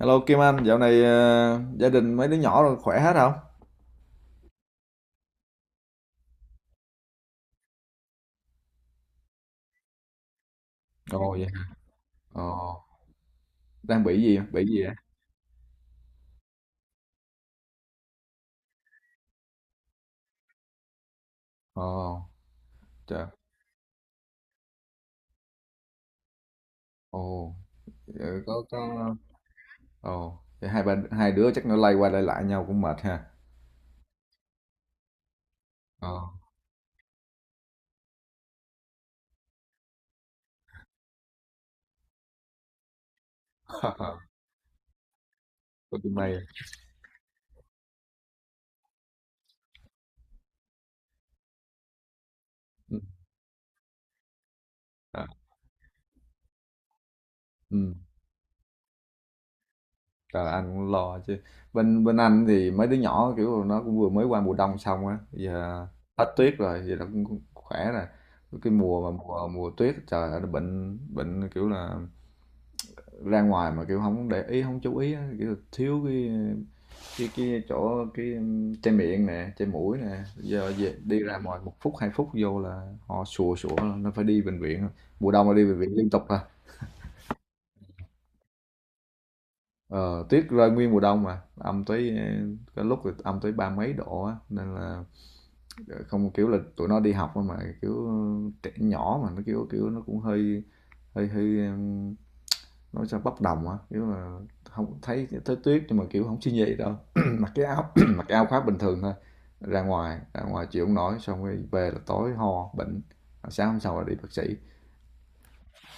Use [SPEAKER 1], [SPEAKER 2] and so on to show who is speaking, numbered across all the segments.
[SPEAKER 1] Hello Kim Anh, dạo này gia đình mấy đứa nhỏ rồi khỏe hết không? Ồ vậy hả? Ồ, đang bị gì? Bị gì vậy? Ồ, trời. Ồ, vậy có. Ồ, vậy hai đứa chắc nó lay qua lay lại nhau cũng mệt ha. Ồ. Có cái may. Ừ. À, ừ. Trời anh cũng lo chứ. Bên bên anh thì mấy đứa nhỏ kiểu nó cũng vừa mới qua mùa đông xong á, giờ hết tuyết rồi, giờ nó cũng cũng khỏe rồi. Cái mùa mà mùa mùa tuyết trời ơi, nó bệnh bệnh kiểu là ra ngoài mà kiểu không để ý không chú ý, kiểu thiếu cái cái chỗ cái che miệng nè che mũi nè, giờ về, đi ra ngoài một phút hai phút vô là họ sùa sủa nó phải đi bệnh viện, mùa đông là đi bệnh viện liên tục à. Ờ, tuyết rơi nguyên mùa đông mà âm tới cái lúc thì âm tới ba mấy độ á, nên là không, kiểu là tụi nó đi học mà kiểu trẻ nhỏ mà nó kiểu kiểu nó cũng hơi hơi hơi nói sao bốc đồng á, kiểu là không thấy thấy tuyết nhưng mà kiểu không suy nghĩ đâu. Mặc cái áo, mặc cái áo khoác bình thường thôi, ra ngoài chịu không nổi, xong rồi về là tối ho bệnh, sáng hôm sau là đi bác sĩ.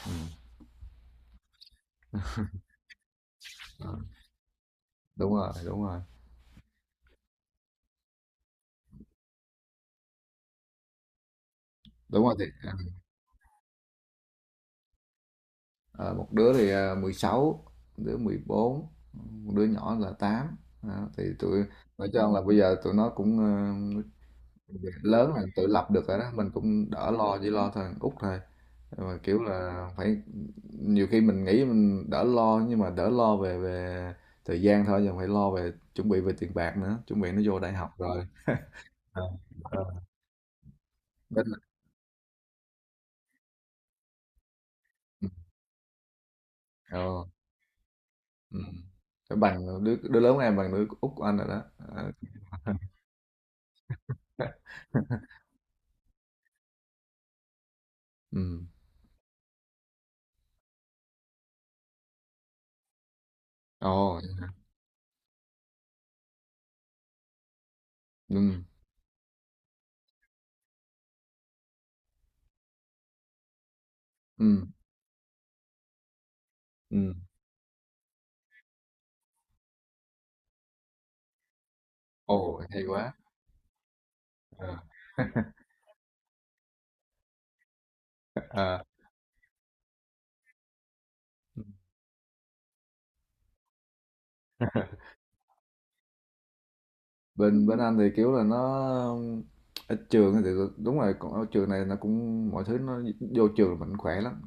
[SPEAKER 1] Ừ. Đúng rồi đúng rồi. Đúng rồi thì ờ, một đứa thì 16, một đứa 14, một đứa nhỏ là 8. Đó, thì tụi nói chung là bây giờ tụi nó cũng lớn là tự lập được rồi đó, mình cũng đỡ lo, chỉ lo thôi Út thôi, mà kiểu là phải, nhiều khi mình nghĩ mình đỡ lo nhưng mà đỡ lo về về thời gian thôi, giờ phải lo về chuẩn bị về tiền bạc nữa, chuẩn bị nó vô đại học rồi. Ờ, ờ, đến là- ừ, ờ, ừ. Phải bằng đứa đứa lớn của em bằng đứa út của anh rồi đó. Ờ. Ừ. Ồ. Ừ. Ừ. Ừ. Ồ, hay quá. Ờ. Ờ. bên bên anh thì kiểu là nó ở trường thì đúng rồi, còn ở trường này nó cũng mọi thứ, nó vô trường là mình khỏe lắm,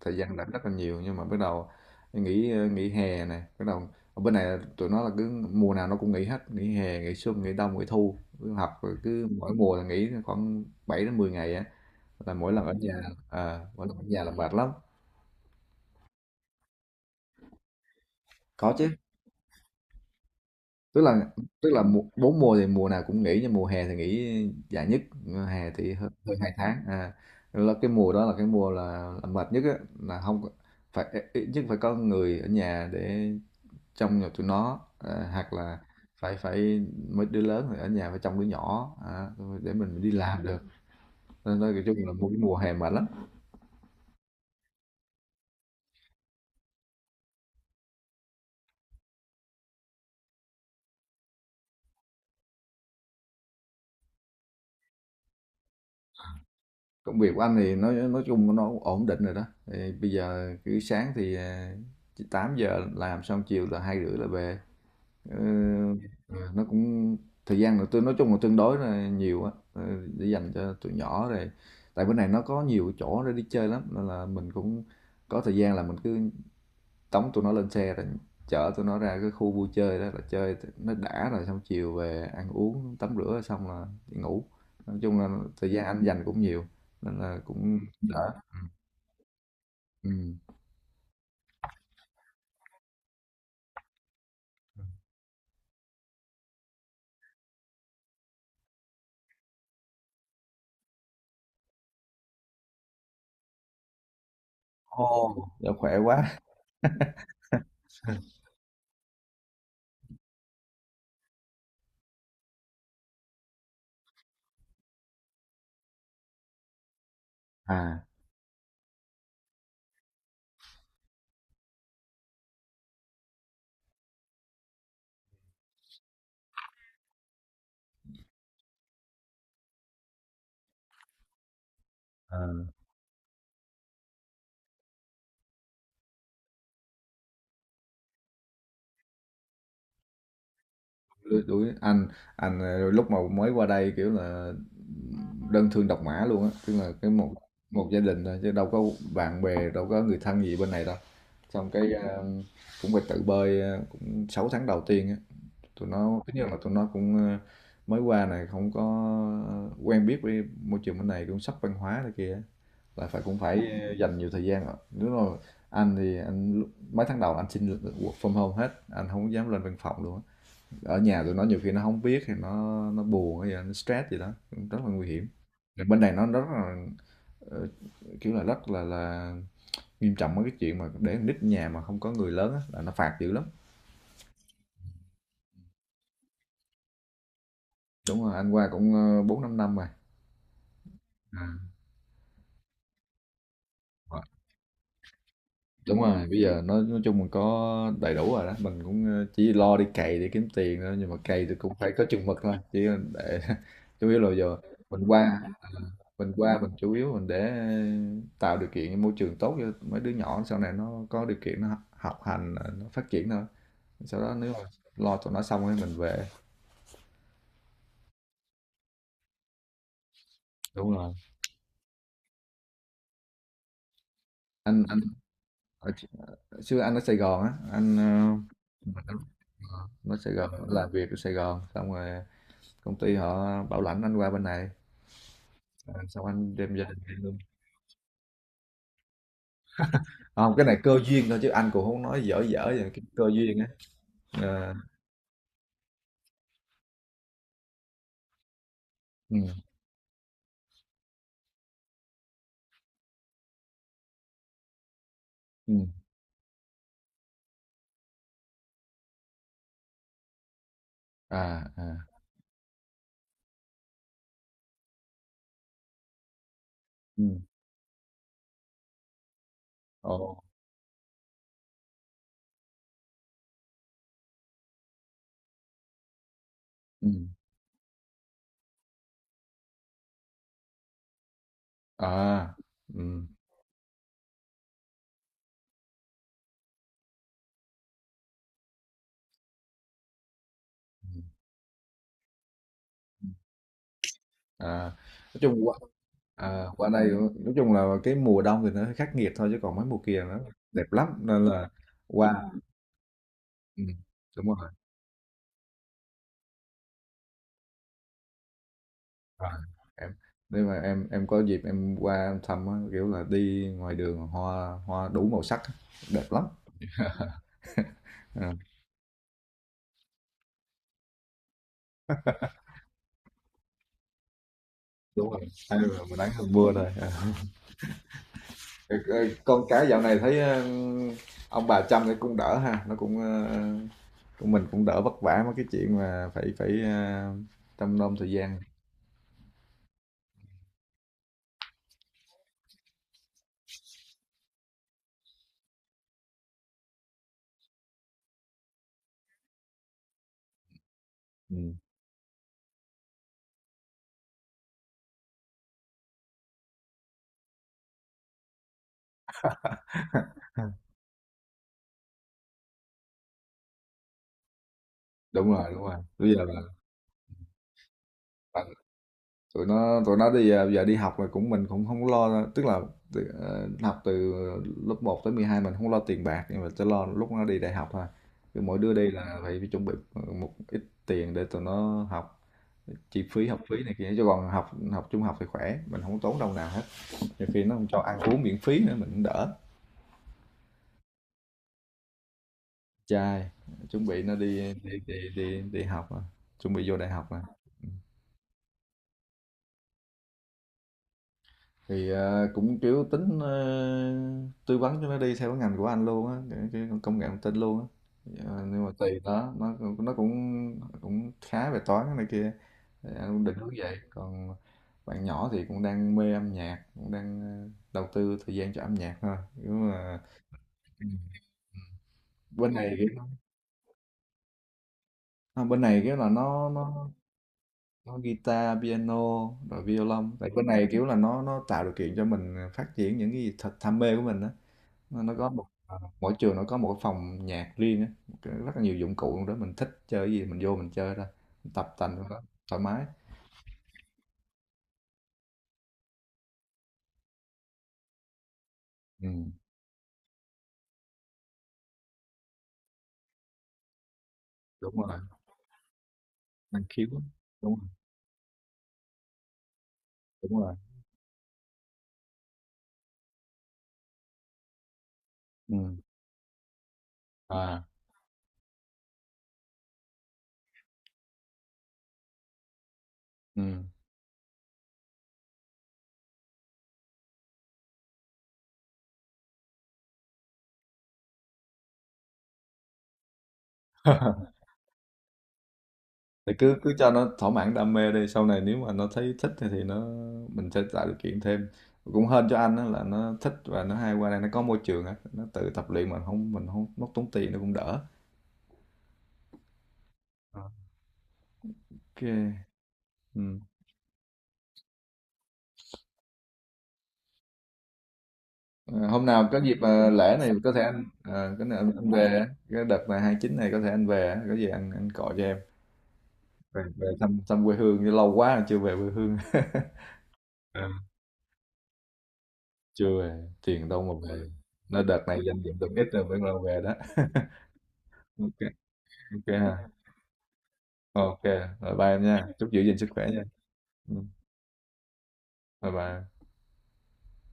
[SPEAKER 1] thời gian làm rất là nhiều nhưng mà bắt đầu nghỉ nghỉ hè này bắt đầu, ở bên này tụi nó là cứ mùa nào nó cũng nghỉ hết: nghỉ hè, nghỉ xuân, nghỉ đông, nghỉ thu, cứ học rồi cứ mỗi mùa là nghỉ khoảng 7 đến 10 ngày á, là mỗi lần ở nhà, à, mỗi lần ở nhà là mệt lắm. Có chứ, tức là tức là mùa- bốn mùa thì mùa nào cũng nghỉ nhưng mùa hè thì nghỉ dài nhất, hè thì hơn, hơn 2 tháng à, rồi là cái mùa đó là cái mùa là mệt nhất á, là không có- phải, ít nhất phải có người ở nhà để trông nhà tụi nó à, hoặc là phải phải mấy đứa lớn thì ở nhà phải trông đứa nhỏ à, để mình đi làm được. Nên nói chung là mùa mùa hè mệt lắm. Công việc của anh thì nói chung nó ổn định rồi đó, thì bây giờ cứ sáng thì 8 giờ làm xong chiều là 2 rưỡi là về. Ờ, nó cũng, thời gian là tôi nói chung là tương đối là nhiều á, để dành cho tụi nhỏ rồi, tại bên này nó có nhiều chỗ để đi chơi lắm nên là mình cũng có thời gian là mình cứ tống tụi nó lên xe rồi chở tụi nó ra cái khu vui chơi đó là chơi nó đã, rồi xong chiều về ăn uống tắm rửa xong là đi ngủ, nói chung là thời gian anh dành cũng nhiều, nên là cũng đỡ. Ừ. Ồ. Dạ, khỏe quá. À, lứa tuổi anh lúc mà mới qua đây kiểu là đơn thương độc mã luôn á, tức là cái một một gia đình thôi chứ đâu có bạn bè, đâu có người thân gì bên này đâu, xong cái cũng phải tự bơi, cũng 6 tháng đầu tiên á, tụi nó tất nhiên là tụi nó cũng mới qua này không có quen biết với môi trường bên này, cũng sốc văn hóa này kia á, là phải cũng phải dành nhiều thời gian, rồi đúng rồi, anh thì anh lúc- mấy tháng đầu anh xin work from home hết, anh không dám lên văn phòng luôn á, ở nhà tụi nó nhiều khi nó không biết thì nó buồn hay là nó stress gì đó, cũng rất là nguy hiểm. Thì bên này nó rất là, ờ, kiểu là, rất là nghiêm trọng mấy cái chuyện mà để con nít nhà mà không có người lớn á là nó phạt dữ lắm. Đúng rồi, anh qua cũng, ơ, 4-5 năm năm rồi. Rồi, đúng rồi, bây giờ nói chung mình có đầy đủ rồi đó, mình cũng, ơ, chỉ lo đi cày để kiếm tiền thôi, nhưng mà cày thì cũng phải có chừng mực thôi, chỉ, để chủ yếu là giờ mình qua mình qua mình chủ yếu mình để tạo điều kiện môi trường tốt cho mấy đứa nhỏ sau này nó có điều kiện nó học học hành nó phát triển thôi, sau đó nếu mà lo tụi nó xong rồi mình về. Đúng rồi. Anh ở, xưa anh ở Sài Gòn á, anh nó Sài Gòn, làm việc ở Sài Gòn xong rồi công ty họ bảo lãnh anh qua bên này. Rồi xong anh đem gia đình đi luôn. À, không cái này cơ duyên thôi chứ anh cũng không nói, dở dở vậy, cái cơ duyên á. Ờ, ừ, ừ, à à, ừ, ồ, ừ. À, ừm, ừm, à, nói chung qua, à, qua đây nói chung là cái mùa đông thì nó hơi khắc nghiệt thôi chứ còn mấy mùa kia nó đẹp lắm nên là, qua ừm, đúng rồi, à, em nếu mà em có dịp em qua em thăm á, kiểu là đi ngoài đường hoa hoa đủ màu sắc á, đẹp lắm. Ờ, đúng rồi hay là mình nắng hơn mưa thôi. Ờ. Ờ, ờ, con cái dạo này thấy ông bà chăm thì cũng đỡ ha, nó cũng của mình cũng đỡ vất vả mấy cái chuyện mà phải phải trông nom thời gian. Ừ. Đúng rồi đúng rồi, bây giờ là tụi nó đi giờ đi học là cũng mình cũng không có lo, tức là từ, học từ lớp 1 tới 12 mình không lo tiền bạc nhưng mà chỉ lo lúc nó đi đại học thôi, cứ mỗi đứa đi là phải chuẩn bị một ít tiền để tụi nó học chi phí học phí này kia, chứ còn học học trung học thì khỏe, mình không tốn đồng nào hết, nhiều khi nó không cho ăn uống miễn phí nữa mình cũng đỡ. Trai, chuẩn bị nó đi đi học à, chuẩn bị vô đại học à. Thì cũng kiểu tính tư vấn cho nó đi theo cái ngành của anh luôn á, cái công nghệ thông tin luôn á. Ờ, nhưng mà tùy nó, nó cũng cũng khá về toán này kia. Thì anh cũng định hướng vậy. Còn bạn nhỏ thì cũng đang mê âm nhạc, cũng đang đầu tư thời gian cho âm nhạc thôi. Kiểu mà bên này kiểu, à, bên này cái là nó có guitar, piano, rồi violon, tại cái. Ừ. Này kiểu là nó tạo điều kiện cho mình phát triển những cái gì thật đam mê của mình á, nó có một mỗi trường nó có một cái phòng nhạc riêng á, một cái- rất là nhiều dụng cụ trong đó, mình thích chơi cái gì mình vô mình chơi thôi, mình tập tành trong đó thoải mái. Ừ. Đúng rồi. Năng khiếu. Đúng rồi đúng rồi. Ừ. À. Ừ. Thì cứ cứ cho nó thỏa mãn đam mê đi, sau này nếu mà nó thấy thích thì nó mình sẽ tạo điều kiện thêm, cũng hên cho anh á là nó thích và nó hay qua đây nó có môi trường á, nó tự tập luyện mà không, mình không mất tốn tiền, nó cũng đỡ. Ờ. Ok. Ừ. À, hôm nào có dịp, à, lễ này có thể anh, cái này anh, về á, cái đợt này 29 này có thể anh về á, có gì anh gọi cho em. Về thăm thăm quê hương, lâu quá rồi chưa về quê hương. Ờ, chưa về, tiền đâu mà về, nó đợt này dành dụm được ít rồi vẫn lâu về đó. Ok. Ok ha. Ok, rồi bye em nha. Chúc giữ gìn sức khỏe nha. Ừ, Bye bye.